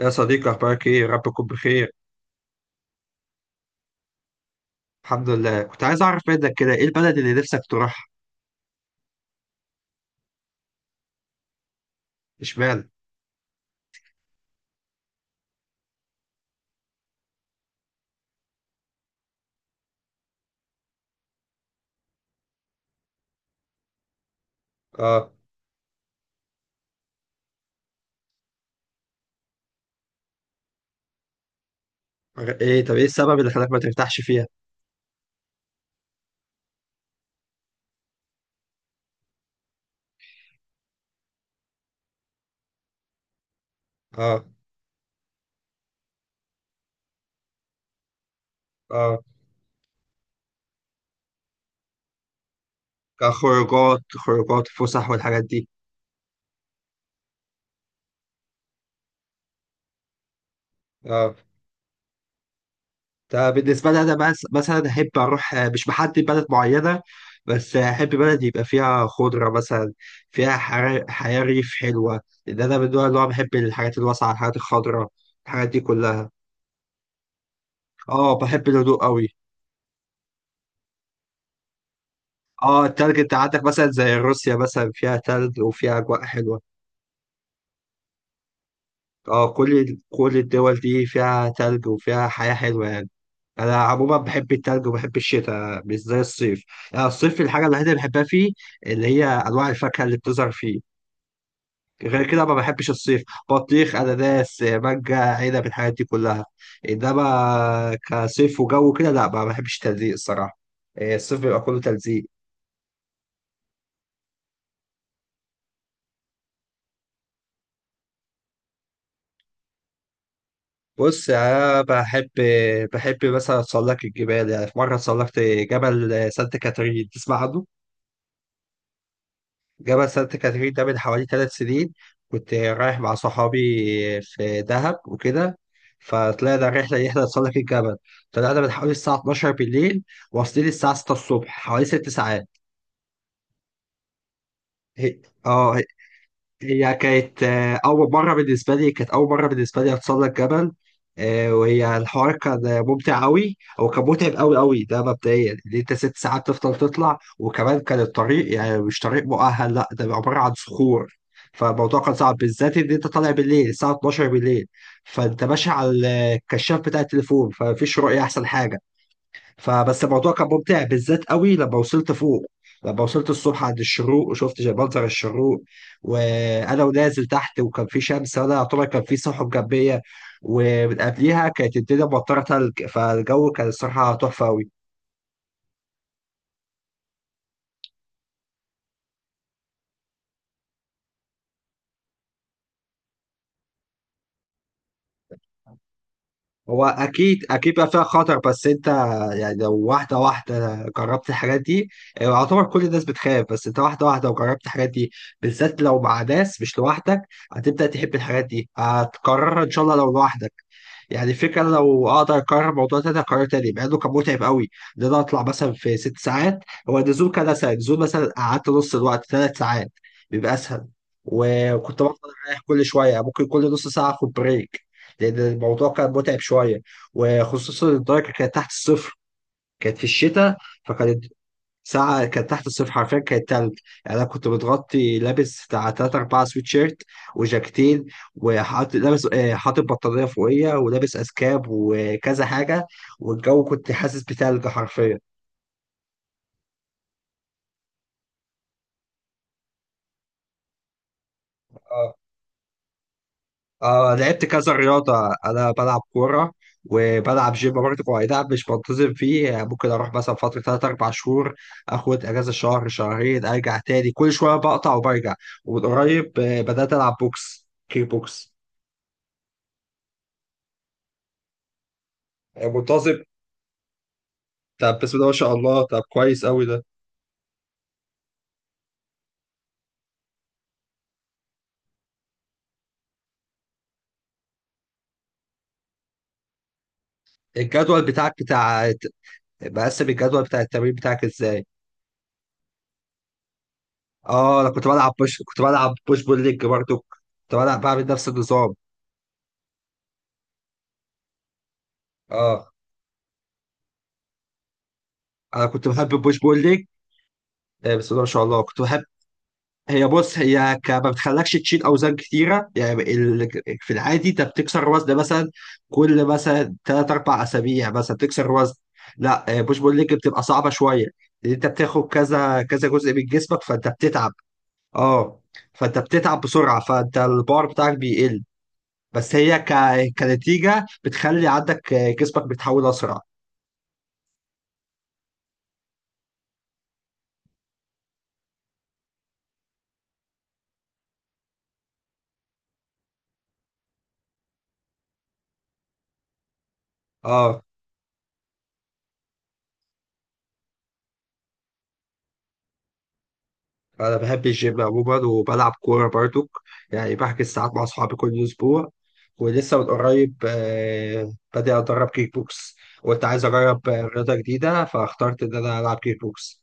يا صديقي أخبارك إيه؟ يا رب تكون بخير. الحمد لله، كنت عايز أعرف منك كده إيه البلد اللي نفسك تروحها؟ إشمعنى؟ آه. طب إيه السبب اللي خلاك ما ترتاحش فيها؟ آه، آه. كخروجات، خروجات، فسح والحاجات دي. آه. ده بالنسبة لي أنا مثلا أحب أروح مش بحدد بلد معينة، بس أحب بلد يبقى فيها خضرة مثلا، فيها حياة ريف حلوة، لأن أنا من النوع اللي هو بحب الحاجات الواسعة، الحاجات الخضراء، الحاجات دي كلها. آه، بحب الهدوء أوي. اه، التلج انت عندك مثلا زي روسيا، مثلا فيها تلج وفيها اجواء حلوه. اه، كل الدول دي فيها تلج وفيها حياه حلوه يعني. انا عموما بحب التلج وبحب الشتاء مش زي الصيف. يعني الصيف الحاجه الوحيده اللي بحبها فيه اللي هي انواع الفاكهه اللي بتظهر فيه. غير كده ما بحبش الصيف. بطيخ، اناناس، مانجا، عنب، الحاجات دي كلها. انما كصيف وجو كده لا، ما بحبش التلزيق الصراحه. آه، الصيف بيبقى كله تلزيق. بص يا، بحب مثلا اتسلق الجبال. يعني في مره اتسلقت جبل سانت كاترين، تسمع عنه. جبل سانت كاترين ده من حوالي 3 سنين، كنت رايح مع صحابي في دهب وكده. فطلعنا رحله ان احنا نتسلق الجبل. طلعنا من حوالي الساعه 12 بالليل، واصلين الساعه 6 الصبح، حوالي 6 ساعات. هي- اه هي كانت، أول مرة بالنسبة لي أتسلق جبل. آه، وهي الحوار كان ممتع أوي أو كان متعب أوي أوي. ده مبدئيا إن أنت 6 ساعات تفضل تطلع، وكمان كان الطريق يعني مش طريق مؤهل، لأ ده عبارة عن صخور. فالموضوع كان صعب بالذات إن أنت طالع بالليل الساعة 12 بالليل، فأنت ماشي على الكشاف بتاع التليفون، فمفيش رؤية. أحسن حاجة فبس الموضوع كان ممتع بالذات قوي لما وصلت فوق. لما وصلت الصبح عند الشروق وشفت منظر الشروق، وانا ونازل تحت وكان في شمس، وانا يعتبر كان في سحب جنبية ومن قبليها كانت الدنيا مطرة تلج. فالجو كان الصراحة تحفة أوي. هو اكيد اكيد بقى فيها خطر، بس انت يعني لو واحده واحده جربت الحاجات دي. يعني يعتبر كل الناس بتخاف، بس انت واحده واحده وجربت الحاجات دي، بالذات لو مع ناس مش لوحدك، هتبدا تحب الحاجات دي، هتكررها ان شاء الله لو لوحدك. يعني الفكره، لو اقدر اكرر الموضوع ده اكرر تاني مع انه كان متعب قوي. ان انا اطلع مثلا في 6 ساعات، هو النزول كان اسهل. النزول مثلا قعدت نص الوقت، 3 ساعات، بيبقى اسهل. وكنت بفضل اريح كل شويه، ممكن كل نص ساعه اخد بريك، لأن الموضوع كان متعب شوية. وخصوصا الدرجة كانت تحت الصفر، كانت في الشتاء. فكانت ساعة كانت تحت الصفر حرفيا، كانت تلج. يعني أنا كنت متغطي، لابس بتاع تلات أربعة سويت شيرت وجاكتين، وحاطط لابس حاطط بطانية فوقية ولابس أسكاب وكذا حاجة. والجو كنت حاسس بتلج حرفيا. آه. اه، لعبت كذا رياضة. أنا بلعب كورة وبلعب جيم برضه. هو أي نعم مش منتظم فيه، يعني ممكن أروح مثلا فترة تلات أربع شهور، آخد أجازة شهر شهرين، أرجع تاني. كل شوية بقطع وبرجع. ومن قريب بدأت ألعب كيك بوكس. آه، منتظم. طب بسم الله ما شاء الله، طب كويس أوي ده. الجدول بتاعك بتاع مقسم الجدول بتاع التمرين بتاعك إزاي؟ اه، أنا كنت بلعب بوش بول ليج برضه، كنت بلعب بعمل نفس النظام. اه، انا كنت بحب البوش بول. آه، بس ده ما شاء الله كنت بحب. هي بص هي ك... ما بتخلكش تشيل اوزان كتيره. في العادي انت بتكسر وزن، مثلا كل مثلا ثلاث اربع اسابيع مثلا تكسر وزن. لا، بوش بول ليج بتبقى صعبه شويه، لان انت بتاخد كذا كذا جزء من جسمك، فانت بتتعب. اه، فانت بتتعب بسرعه، فانت البار بتاعك بيقل. بس هي ك... كنتيجه بتخلي عندك جسمك بيتحول اسرع. اه، انا بحب الجيم عموما وبلعب كوره برضو. يعني بحجز ساعات مع اصحابي كل اسبوع، ولسه من قريب بادئ اتدرب كيك بوكس. وانت عايز اجرب رياضه جديده، فاخترت ان انا العب كيك بوكس.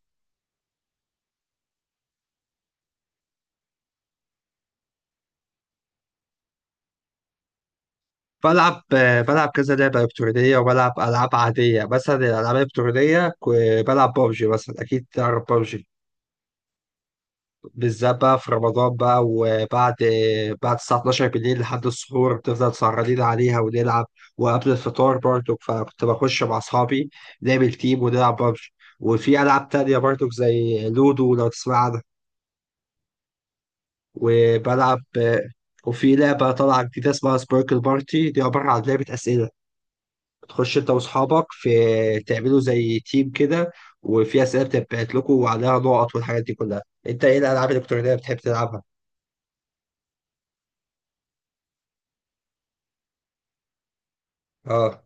بلعب كذا لعبه الكترونيه وبلعب العاب عاديه. مثلا الالعاب الالكترونيه بلعب بابجي، مثلا اكيد تعرف بابجي. بالذات بقى في رمضان بقى، وبعد بعد الساعة 12 بالليل لحد السحور، بتفضل سهرانين عليها ونلعب. وقبل الفطار برضو، فكنت بخش مع أصحابي نعمل تيم ونلعب ببجي. وفي ألعاب تانية برضو، زي لودو لو تسمع عنها. وبلعب وفي لعبة طالعة جديدة اسمها سبيركل بارتي، دي عبارة عن لعبة أسئلة. بتخش أنت وأصحابك، في تعملوا زي تيم كده، وفي أسئلة بتبعت لكم وعليها نقط والحاجات دي كلها. أنت إيه الألعاب الإلكترونية اللي بتحب تلعبها؟ آه،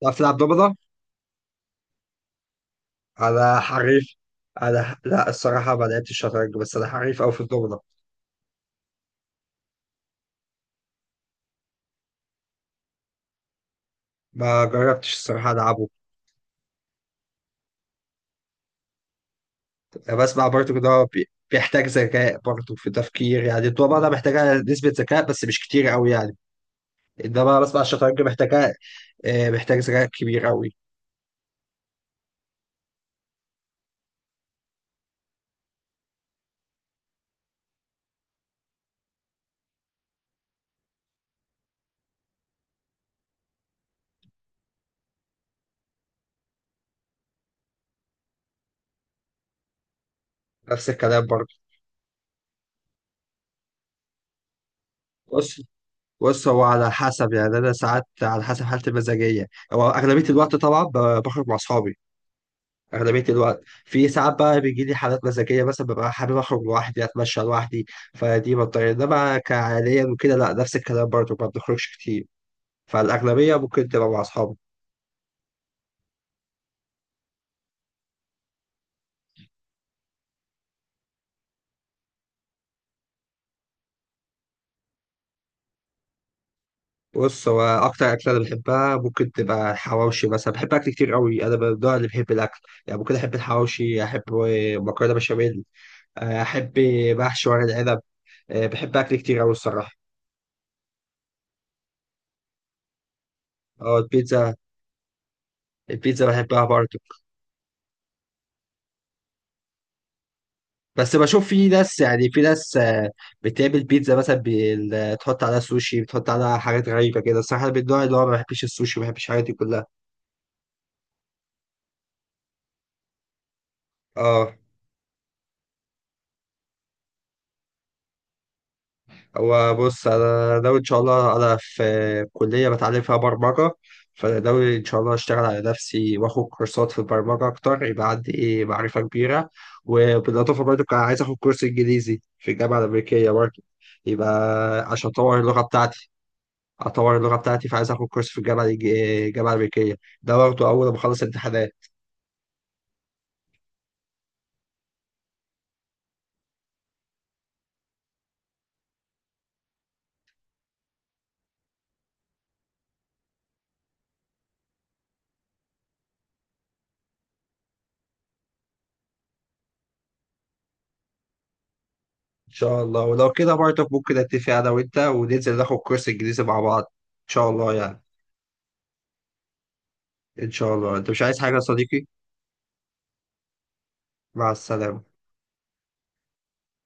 تعرف تلعب دومنة؟ أنا حريف. أنا، لا، الصراحة ما لعبتش شطرنج، بس أنا حريف أوي في الدومنة. ما جربتش الصراحة ألعبه. بسمع برضه إن هو بيحتاج ذكاء، برضه في تفكير، يعني الدومنة محتاجة نسبة ذكاء بس مش كتير أوي يعني. إنما بسمع الشطرنج محتاجة، آه، محتاج ذكاء كبير أوي. نفس الكلام برضه. بص، بص هو على حسب، يعني أنا ساعات على حسب حالتي المزاجية. هو أغلبية الوقت طبعا بخرج مع أصحابي. أغلبية الوقت في ساعات بقى بيجي لي حالات مزاجية، مثلا ببقى حابب أخرج لوحدي، أتمشى لوحدي. فدي بضطر، إنما كعاليا وكده لأ، نفس الكلام برضه ما بنخرجش كتير. فالأغلبية ممكن تبقى مع أصحابي. بص، هو أكتر أكلة أنا بحبها ممكن تبقى الحواوشي مثلا. بحب أكل كتير قوي، أنا من النوع اللي بحب الأكل. يعني ممكن أحب الحواوشي، أحب مكرونة بشاميل، أحب محشي ورق العنب. أه، بحب أكل كتير قوي الصراحة. أه، البيتزا. البيتزا بحبها برضه. بس بشوف في ناس بتعمل بيتزا مثلا تحط عليها سوشي، بتحط عليها حاجات غريبة كده. الصراحة أنا من النوع اللي هو ما بحبش السوشي، ما بحبش الحاجات دي كلها. اه، هو بص أنا ناوي إن شاء الله. أنا في كلية بتعلم فيها برمجة، فأنا ناوي إن شاء الله أشتغل على نفسي وآخد كورسات في البرمجة أكتر، يبقى عندي معرفة كبيرة. وبالإضافة برضه كان عايز آخد كورس إنجليزي في الجامعة الأمريكية برضه، يبقى عشان أطور اللغة بتاعتي. اطور اللغه بتاعتي فعايز اخد كورس في الجامعه الامريكيه، ده برضه اول ما اخلص امتحانات. ان شاء الله، ولو كده برضه ممكن اتفق انا وانت وننزل ناخد كورس انجليزي مع بعض ان شاء الله يعني. ان شاء الله. انت مش عايز حاجه يا صديقي؟ مع السلامه.